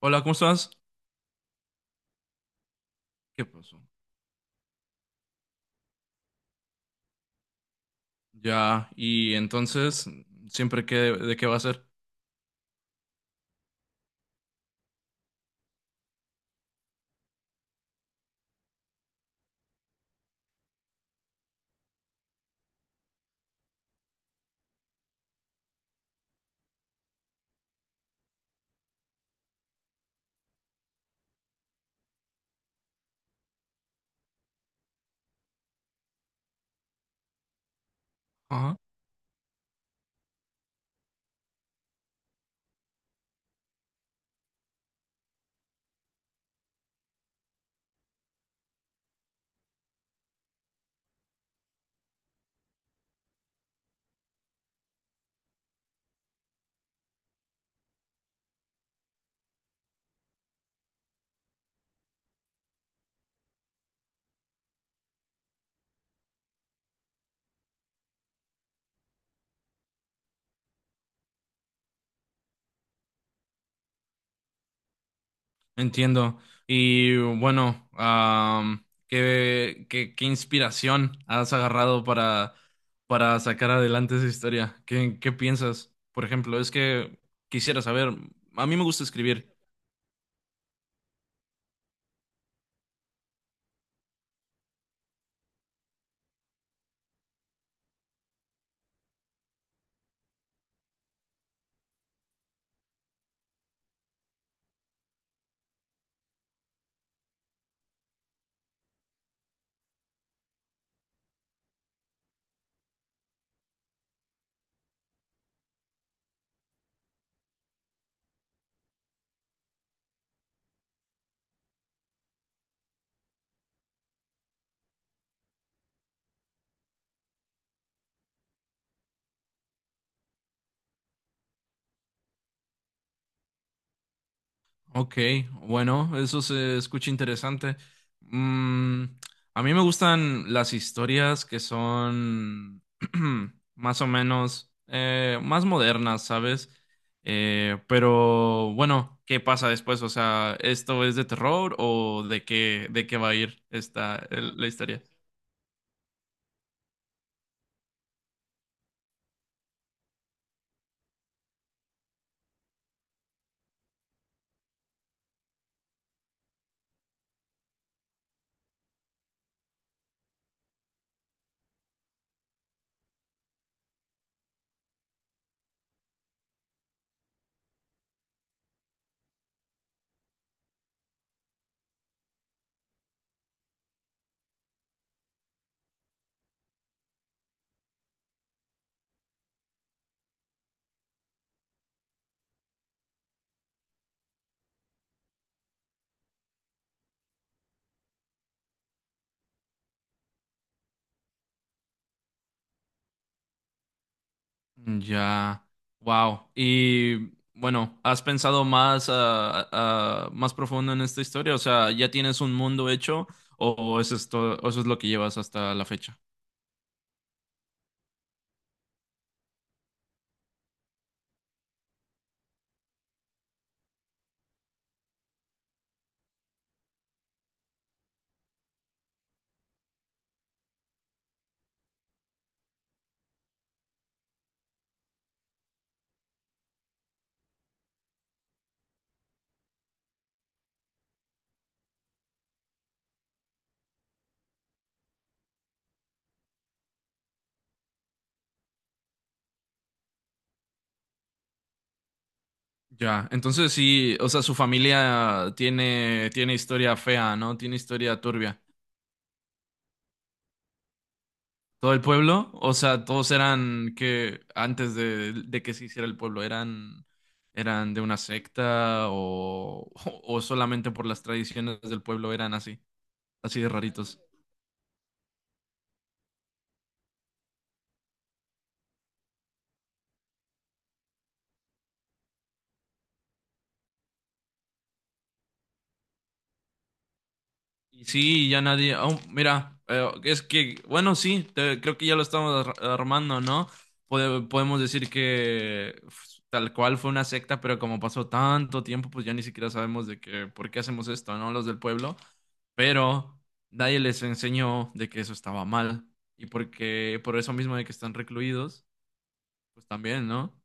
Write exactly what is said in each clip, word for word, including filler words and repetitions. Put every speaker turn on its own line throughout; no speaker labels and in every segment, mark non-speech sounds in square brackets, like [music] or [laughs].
Hola, ¿cómo estás? ¿Qué pasó? Ya, y entonces, siempre que, ¿de qué va a ser? Ajá. Entiendo. Y bueno, am, ¿qué, qué, qué inspiración has agarrado para, para sacar adelante esa historia? ¿Qué, qué piensas? Por ejemplo, es que quisiera saber, a mí me gusta escribir. Ok, bueno, eso se escucha interesante. Mm, a mí me gustan las historias que son [clears throat] más o menos eh, más modernas, ¿sabes? Eh, pero bueno, ¿qué pasa después? O sea, ¿esto es de terror o de qué, de qué va a ir esta, el- la historia? Ya, wow. Y bueno, ¿has pensado más, ah, ah, más profundo en esta historia? O sea, ¿ya tienes un mundo hecho o, o eso es todo, o eso es lo que llevas hasta la fecha? Ya, entonces sí, o sea, su familia tiene, tiene historia fea, ¿no? Tiene historia turbia. ¿Todo el pueblo? O sea, todos eran que antes de, de que se hiciera el pueblo, eran, eran de una secta o, [laughs] o solamente por las tradiciones del pueblo eran así, así de raritos. Y sí, ya nadie. Oh, mira, eh, es que, bueno, sí, te- creo que ya lo estamos ar- armando, ¿no? Pode- podemos decir que f- tal cual fue una secta, pero como pasó tanto tiempo, pues ya ni siquiera sabemos de que, por qué hacemos esto, ¿no? Los del pueblo. Pero nadie les enseñó de que eso estaba mal. Y porque, por eso mismo de que están recluidos, pues también, ¿no?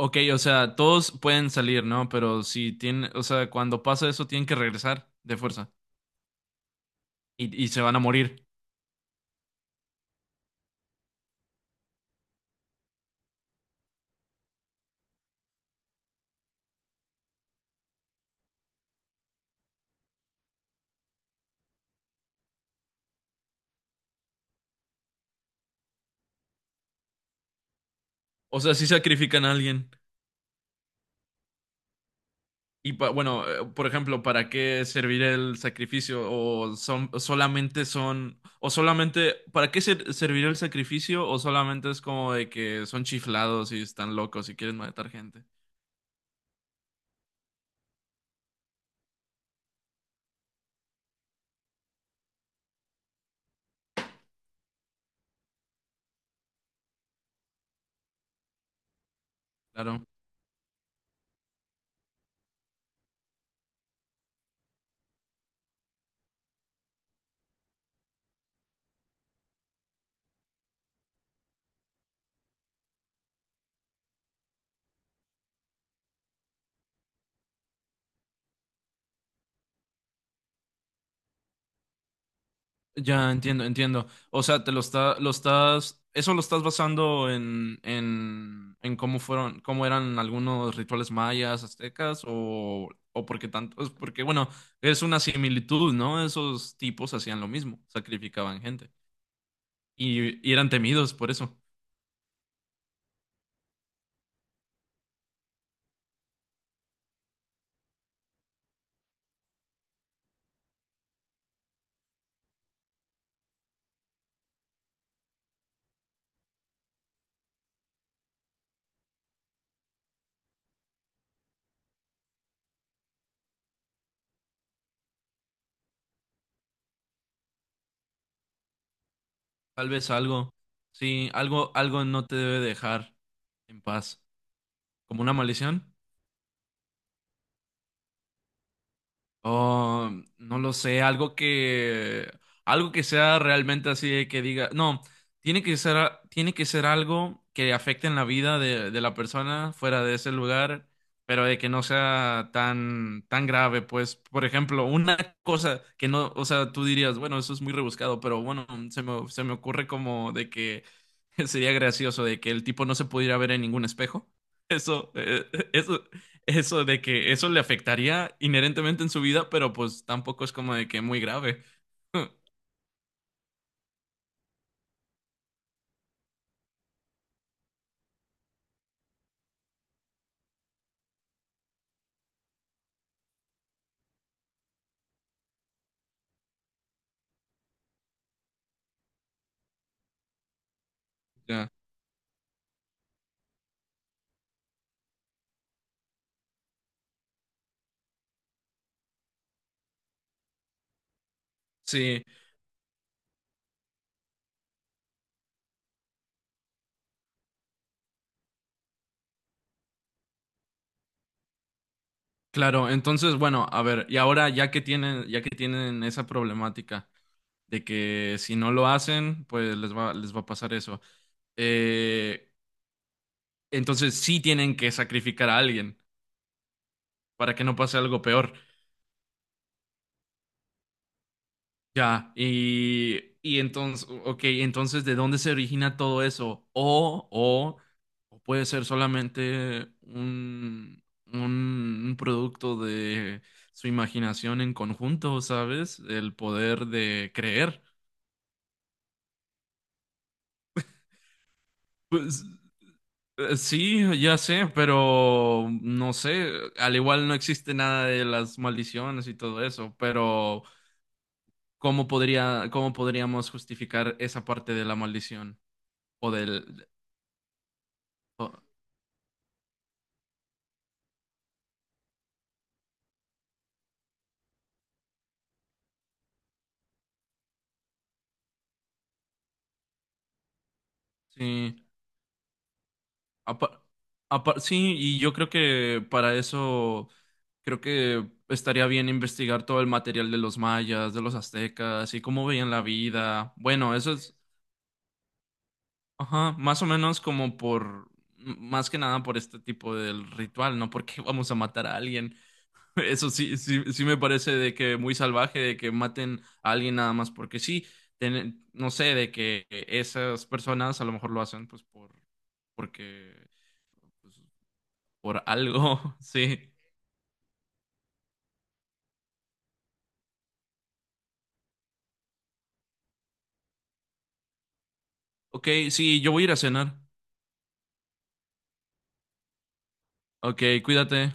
Ok, o sea, todos pueden salir, ¿no? Pero si tienen, o sea, cuando pasa eso, tienen que regresar de fuerza. Y, y se van a morir. O sea, si sacrifican a alguien. Y pa- bueno, eh, por ejemplo, ¿para qué servirá el sacrificio? O son solamente son o solamente ¿para qué ser- servirá el sacrificio? O solamente es como de que son chiflados y están locos y quieren matar gente. Claro. Ya entiendo, entiendo. O sea, te lo está, lo estás, eso lo estás basando en, en, en cómo fueron, cómo eran algunos rituales mayas, aztecas, o, o porque tanto, es porque bueno, es una similitud, ¿no? Esos tipos hacían lo mismo, sacrificaban gente y, y eran temidos por eso. Tal vez algo, sí, algo, algo no te debe dejar en paz, como una maldición. Oh, no lo sé, algo que algo que sea realmente así de que diga, no, tiene que ser a- tiene que ser algo que afecte en la vida de, de la persona fuera de ese lugar, pero de que no sea tan tan grave, pues, por ejemplo, una cosa que no, o sea, tú dirías, bueno, eso es muy rebuscado, pero bueno, se me se me ocurre como de que [laughs] sería gracioso de que el tipo no se pudiera ver en ningún espejo. Eso, eh, eso eso de que eso le afectaría inherentemente en su vida, pero pues tampoco es como de que muy grave. [laughs] Ya. Sí, claro. Entonces, bueno, a ver, y ahora ya que tienen, ya que tienen esa problemática de que si no lo hacen, pues les va, les va a pasar eso. Eh, entonces sí tienen que sacrificar a alguien para que no pase algo peor. Ya, y, y entonces, ok, entonces, ¿de dónde se origina todo eso? O, o, o puede ser solamente un, un, un producto de su imaginación en conjunto, ¿sabes? El poder de creer. Pues eh, sí, ya sé, pero no sé, al igual no existe nada de las maldiciones y todo eso, pero ¿cómo podría, cómo podríamos justificar esa parte de la maldición? O del... Sí, apa- apa- sí, y yo creo que para eso, creo que estaría bien investigar todo el material de los mayas, de los aztecas, y cómo veían la vida. Bueno, eso es, ajá, más o menos como por, m- más que nada por este tipo del ritual, ¿no? Porque vamos a matar a alguien. [laughs] Eso sí, sí, sí me parece de que muy salvaje, de que maten a alguien nada más porque sí, Ten- no sé, de que esas personas a lo mejor lo hacen pues por, porque pues, por algo, [laughs] sí. Ok, sí, yo voy a ir a cenar. Ok, cuídate.